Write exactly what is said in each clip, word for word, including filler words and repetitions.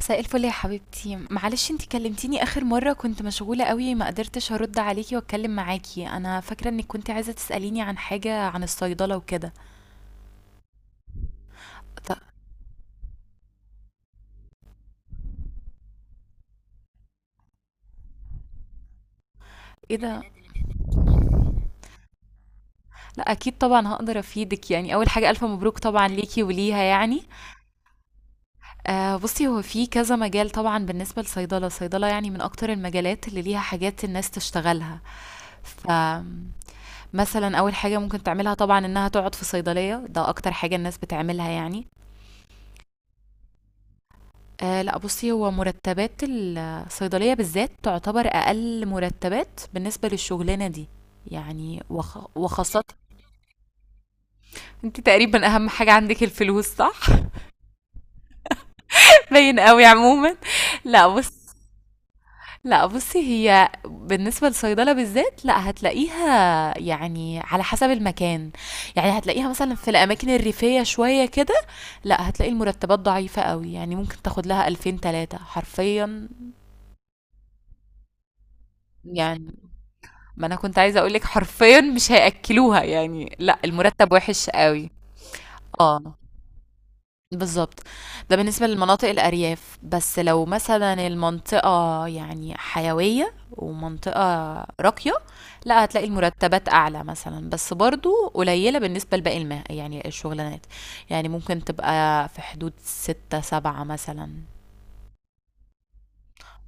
مساء الفل يا حبيبتي، معلش انتي كلمتيني اخر مرة كنت مشغولة قوي، ما قدرتش هرد عليكي واتكلم معاكي. انا فاكرة انك كنت عايزة تسأليني عن حاجة عن الصيدلة وكده. طب ايه ده؟ لا اكيد طبعا هقدر افيدك، يعني اول حاجة الف مبروك طبعا ليكي وليها يعني. آه بصي، هو في كذا مجال. طبعا بالنسبة للصيدلة، الصيدلة يعني من اكتر المجالات اللي ليها حاجات الناس تشتغلها. ف مثلا اول حاجة ممكن تعملها طبعا انها تقعد في صيدلية، ده اكتر حاجة الناس بتعملها يعني. آه لا بصي، هو مرتبات الصيدلية بالذات تعتبر أقل مرتبات بالنسبة للشغلانة دي. يعني وخ... وخاصة انت تقريبا أهم حاجة عندك الفلوس، صح؟ باين قوي عموما. لا بص. لا بصي، هي بالنسبة للصيدلة بالذات، لا هتلاقيها يعني على حسب المكان. يعني هتلاقيها مثلا في الأماكن الريفية شوية كده، لا هتلاقي المرتبات ضعيفة قوي. يعني ممكن تاخد لها ألفين تلاتة حرفيا. يعني ما انا كنت عايزه اقولك، حرفيا مش هياكلوها، يعني لا المرتب وحش قوي. اه بالظبط. ده بالنسبه للمناطق الارياف. بس لو مثلا المنطقه يعني حيويه ومنطقه راقيه، لا هتلاقي المرتبات اعلى مثلا، بس برضو قليله بالنسبه لباقي المه يعني الشغلانات. يعني ممكن تبقى في حدود ستة سبعة مثلا.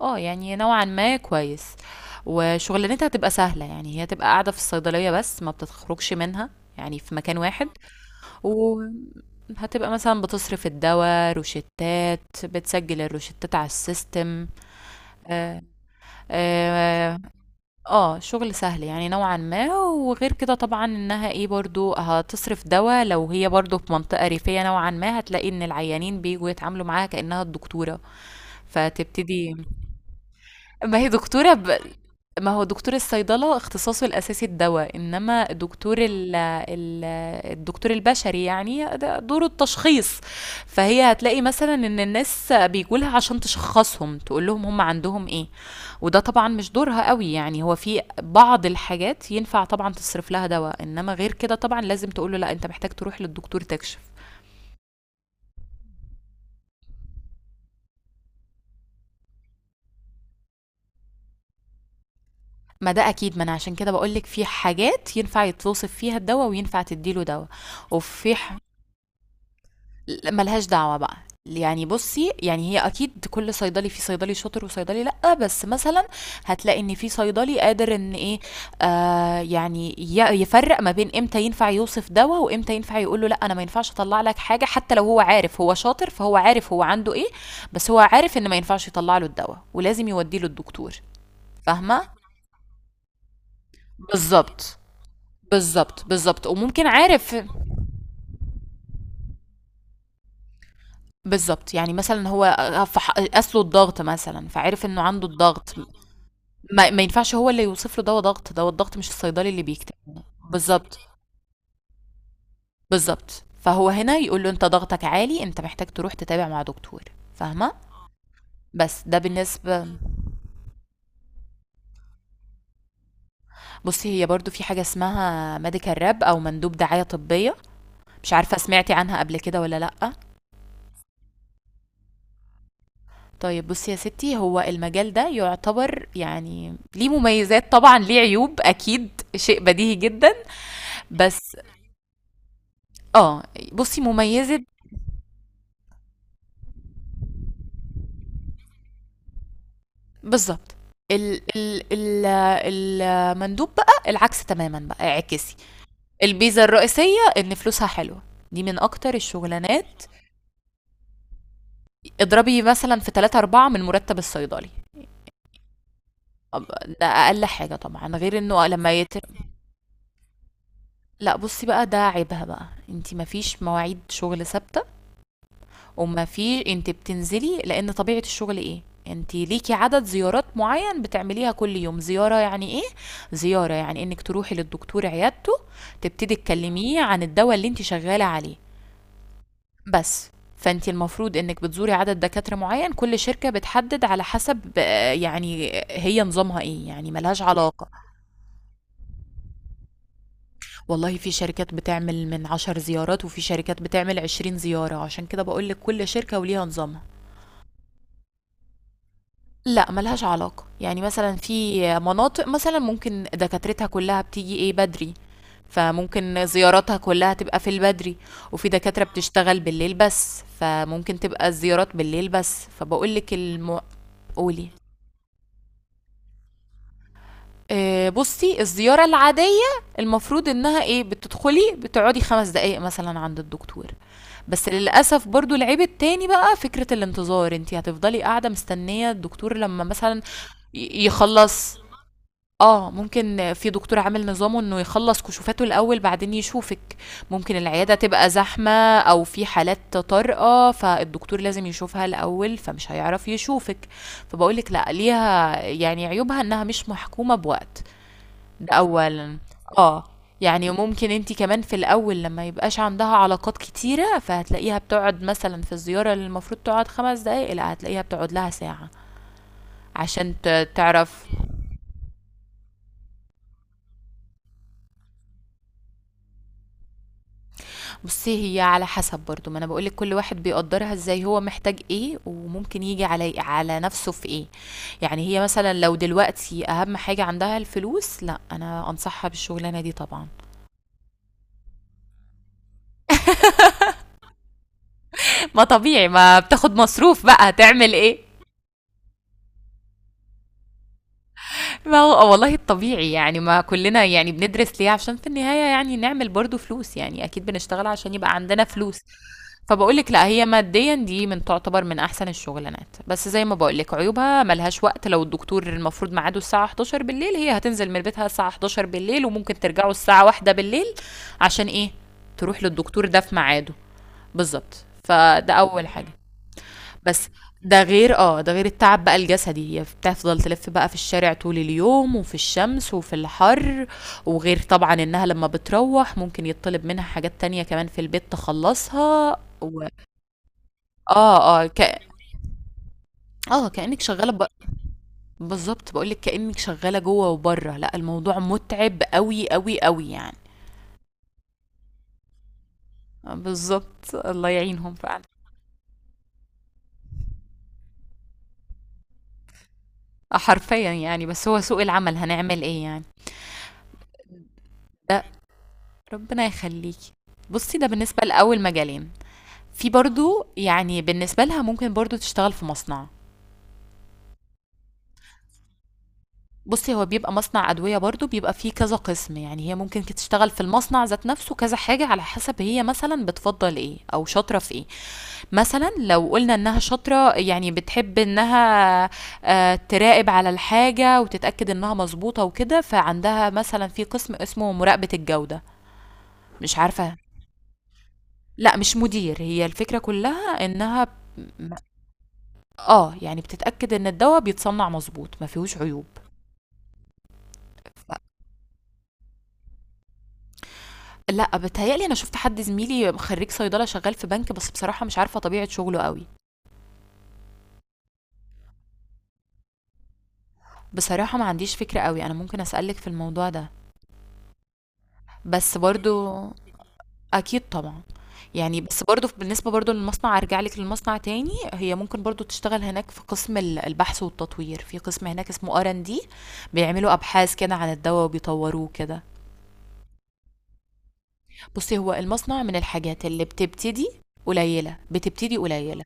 اه يعني نوعا ما كويس. وشغلانتها هتبقى سهلة، يعني هي تبقى قاعدة في الصيدلية بس، ما بتخرجش منها، يعني في مكان واحد. وهتبقى مثلا بتصرف الدواء، روشتات، بتسجل الروشتات على السيستم. اه, آه, اه شغل سهل يعني نوعا ما. وغير كده طبعا انها ايه، برضو هتصرف دواء. لو هي برضو في منطقة ريفية نوعا ما، هتلاقي ان العيانين بيجوا يتعاملوا معاها كأنها الدكتورة. فتبتدي. ما هي دكتورة ب... ما هو دكتور الصيدلة اختصاصه الأساسي الدواء، إنما دكتور ال... ال... الدكتور البشري يعني ده دوره التشخيص. فهي هتلاقي مثلا إن الناس بيجولها عشان تشخصهم، تقول لهم هم عندهم إيه. وده طبعا مش دورها قوي. يعني هو في بعض الحاجات ينفع طبعا تصرف لها دواء، إنما غير كده طبعا لازم تقول له لا، أنت محتاج تروح للدكتور تكشف. ما ده اكيد، ما انا عشان كده بقولك في حاجات ينفع يتوصف فيها الدواء وينفع تديله دواء. وفي ح... لأ، ملهاش دعوة بقى. يعني بُصّي، يعني هي أكيد كل صيدلي، في صيدلي شاطر وصيدلي لأ، بس مثلًا هتلاقي إن في صيدلي قادر إن إيه، آآ يعني ي يفرّق ما بين إمتى ينفع يوصف دوا، وإمتى ينفع يقول له لأ، أنا ما ينفعش أطلّع لك حاجة. حتى لو هو عارف هو شاطر، فهو عارف هو عنده إيه، بس هو عارف إن ما ينفعش يطلّع له الدوا، ولازم يودّيه للدكتور. فاهمة؟ بالضبط، بالضبط، بالضبط، وممكن عارف بالضبط. يعني مثلًا هو آآ فح قاس له الضغط مثلًا، فعرف إنه عنده الضغط. ما, ما ينفعش هو اللي يوصف له ده ضغط، ده الضغط مش الصيدلي اللي بيكتب. بالظبط، بالظبط. فهو هنا يقول له انت ضغطك عالي، انت محتاج تروح تتابع مع دكتور. فاهمه؟ بس ده بالنسبه. بصي هي برضو في حاجه اسمها ميديكال راب او مندوب دعايه طبيه. مش عارفه سمعتي عنها قبل كده ولا لا؟ طيب بصي يا ستي، هو المجال ده يعتبر يعني ليه مميزات طبعا، ليه عيوب اكيد، شيء بديهي جدا. بس اه بصي مميزة. بالضبط. ال ال ال المندوب بقى العكس تمامًا بقى، اعكسي. البيزا الرئيسية إن فلوسها حلوة، دي من أكتر الشغلانات. اضربي مثلًا في ثلاثة، أربعة من مرتب الصيدلي. أب ده أقل حاجة طبعًا، غير إنه لمّا يت لأ بُصّي بقى، ده عيبها بقى، أنتِ ما فيش مواعيد شغل ثابتة، وما في، انت بتنزلي لان طبيعة الشغل ايه، انت ليكي عدد زيارات معين بتعمليها كل يوم. زيارة يعني ايه؟ زيارة يعني انك تروحي للدكتور عيادته، تبتدي تكلميه عن الدواء اللي انت شغالة عليه بس. فانت المفروض انك بتزوري عدد دكاترة معين، كل شركة بتحدد على حسب آه، يعني هي نظامها ايه، يعني ملهاش علاقة. والله في شركات بتعمل من عشر زيارات، وفي شركات بتعمل عشرين زيارة، عشان كده بقولك كل شركة وليها نظامها. لأ، ما لهاش علاقة. يعني مثلًا في مناطق مثلًا ممكن دكاترتها كلّها بتيجي إيه، بدري، فممكن زياراتها كلّها تبقى في البدري. وفي دكاترة بتشتغل بالليل بس، فممكن تبقى الزيارات بالليل بس. فباقول لِك الم قولي. آآ بُصّي، الزيارة العادية المفروض إنها إيه، بتدخلي بتقعدي خمس دقايق مثلًا عند الدكتور. بس للأسف برضه العيب التاني بقى فكرة الانتظار، أنتِ هتفضلي قاعدة مستنية الدكتور لمّا مثلًا ي يخلّص. آه، ممكن في دكتور عامل نظامه إنه يخلّص كشوفاته الأول بعدين يشوفِك، ممكن العيادة تبقى زحمة أو في حالات طارئة فالدكتور لازم يشوفها الأول فمش هيعرف يشوفِك. فباقول لِك لأ ليها يعني عيوبها إنها مش محكومة بوقت، ده أولًا. آه، يعني ممكن أنتِ كمان في الأول لمّا ما يبقاش عندها علاقات كتيرة فهتلاقيها بتقعد مثلًا في الزيارة اللي المفروض تقعد خمس دقايق لأ هتلاقيها بتقعد لها ساعة عشان ت تعرف. بُصّي، هي على حسب برضه، ما أنا باقول لِك كل واحد بيقدّرها إزاي، هو محتاج إيه، وممكن ييجي علي على نَفْسه في إيه. يعني هي مثلًا لو دلوقتي أهم حاجة عندها الفلوس، لأ، أنا أنصحها بالشُغلانة دي طبعًا. ما طبيعي، ما بتاخُد مصروف بقى، هتعمل إيه؟ ما هو آه، والله الطبيعي، يعني ما كلنا يعني بندرس ليه؟ عشان في النهاية يعني نعمل برضو فلوس، يعني أكيد بنشتغل عشان يبقى عندنا فلوس. فبقولك لا، هي ماديا دي من تعتبر من أحسن الشغلانات، بس زي ما بقولك عيوبها ملهاش وقت. لو الدكتور المفروض ميعاده الساعة حداشر بالليل، هي هتنزل من بيتها الساعة حداشر بالليل، وممكن ترجعوا الساعة واحدة بالليل. عشان إيه؟ تروح للدكتور ده في ميعاده. بالظبط، فده أول حاجة. بس ده غير اه، ده غير التعب بقى الجسدي، هي بتفضل تلف بقى في الشارع طول اليوم وفي الشمس وفي الحر. وغير طبعا انها لما بتروح ممكن يطلب منها حاجات تانية كمان في البيت تخلصها و... اه اه ك... اه كأنك شغالة ب... بالظبط، بقولك كأنك شغالة جوه وبره. لا الموضوع متعب قوي قوي قوي يعني. آه، بالظبط، الله يعينهم فعلا. آه، حرفيا يعني، بس هو سوق العمل هنعمل ايه يعني. ده ربنا يخليكي. بصي ده بالنسبة لأول مجالين. في برضو يعني بالنسبة لها ممكن برضو تشتغل في مصنع. بصي هو بيبقى مصنع أدوية برضو، بيبقى فيه كذا قسم. يعني هي ممكن كت- تشتغل في المصنع ذات نفسه كذا حاجة على حسب هي مثلا بتفضل ايه أو شاطرة في ايه. مثلا لو قلنا انها شاطرة يعني بتحب انها آه، تراقب على الحاجة وتتأكد انها مظبوطة وكده، فعندها مثلا في قسم اسمه مراقبة الجودة. مش عارفة. لا مش مدير، هي الفكرة كلها انها آه، يعني بتتأكد إن الدوا بيتصنّع مضبوط، ما فيهوش عيوب. لأ، بيتهيأ لي أنا شُفت حد زميلي خرّيج صيدلة شغّال في بنك، بس بصراحة مش عارفة طبيعة شُغله أوي. بصراحة ما عنديش فكرة أوي، أنا ممكن أسألِك في الموضوع ده، بس برضه. أكيد طبعًا. يعني بس برضه بالنسبة برضه للمصنع، أرجع لِك للمصنع تاني، هي ممكن برضه تشتغل هناك في قسم ال البحث والتطوير، في قسم هناك اسمه آر آند دي، بيعملوا أبحاث كده عن الدوا وبيطوّروه وكده. بُصّي، هو المصنع من الحاجات اللي بتبتدي قليّلة، بتبتدي قليّلة،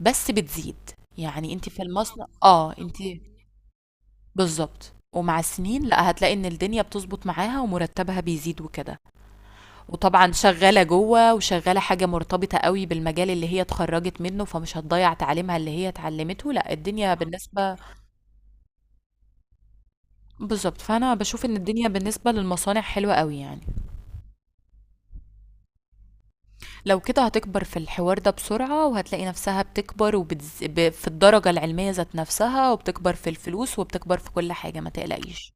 بس بتزيد. يعني أنتِ في المصنع آه، أنتِ بالضبط، ومع السنين لأ هتلاقي إن الدنيا بتضبط معاها ومرتبها بيزيد وكده. وطبعًا شغالة جوّه، وشغالة حاجة مرتبطة أوي بالمجال اللي هي اتخرّجت منه، فمش هتضيّع تعليمها اللي هي اتعلمته. لأ الدنيا بالنسبة بالضبط. فأنا باشوف إن الدنيا بالنسبة للمصانع حلوة أوي يعني. لو كده هتكبر في الحوار ده بسرعة، وهتلاقي نفسها بتكبر وبتز ب في الدرجة العلمية ذات نفسها، وبتكبر في الفلوس وبتكبر في كل حاجة، ما تقلقيش.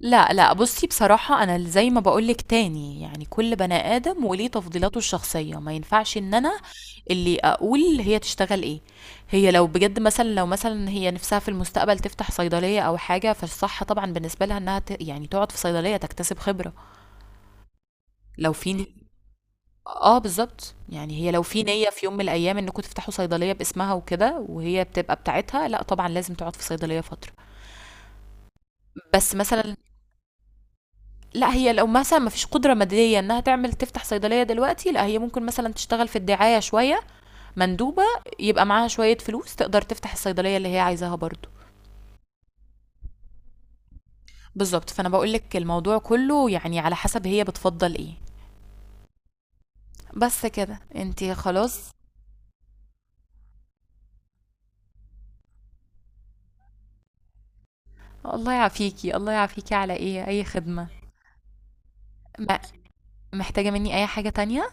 لأ، لأ، بُصّي بصراحة، أنا ال زي ما باقول لِك تاني، يعني كل بني آدم وليه تفضيلاته الشخصية، ما ينفعش إن أنا اللي أقول هي تشتغل إيه. هي لو بجد مثلًا، لو مثلًا هي نِفْسها في المستقبل تفتح صيدلية أو حاجة، فالصح طبعًا بالنسبة لها إنها ت يعني تقعد في صيدلية تكتسب خبرة. لو في ن آه بالضبط، يعني هي لو في نيّة في يوم من الأيام إنكم تفتحوا صيدلية باسمها وكده، وهي بتبقى بتاعتها، لأ طبعًا لازم تقعد في صيدلية فترة. بس مثلًا لا، هي لو مثلا ما فيش قدرة مادية انها تعمل تفتح صيدلية دلوقتي، لا هي ممكن مثلا تشتغل في الدعاية شوية، مندوبة، يبقى معاها شوية فلوس تقدر تفتح الصيدلية اللي هي عايزاها برضو. بالظبط. فانا بقولك الموضوع كله يعني على حسب هي بتفضل ايه. بس كده انتي خلاص. الله يعافيكي، الله يعافيكي، على ايه، اي خدمة. ما محتاجة مني اي حاجة تانية؟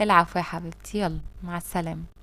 العفو يا حبيبتي، يلا مع السلامة.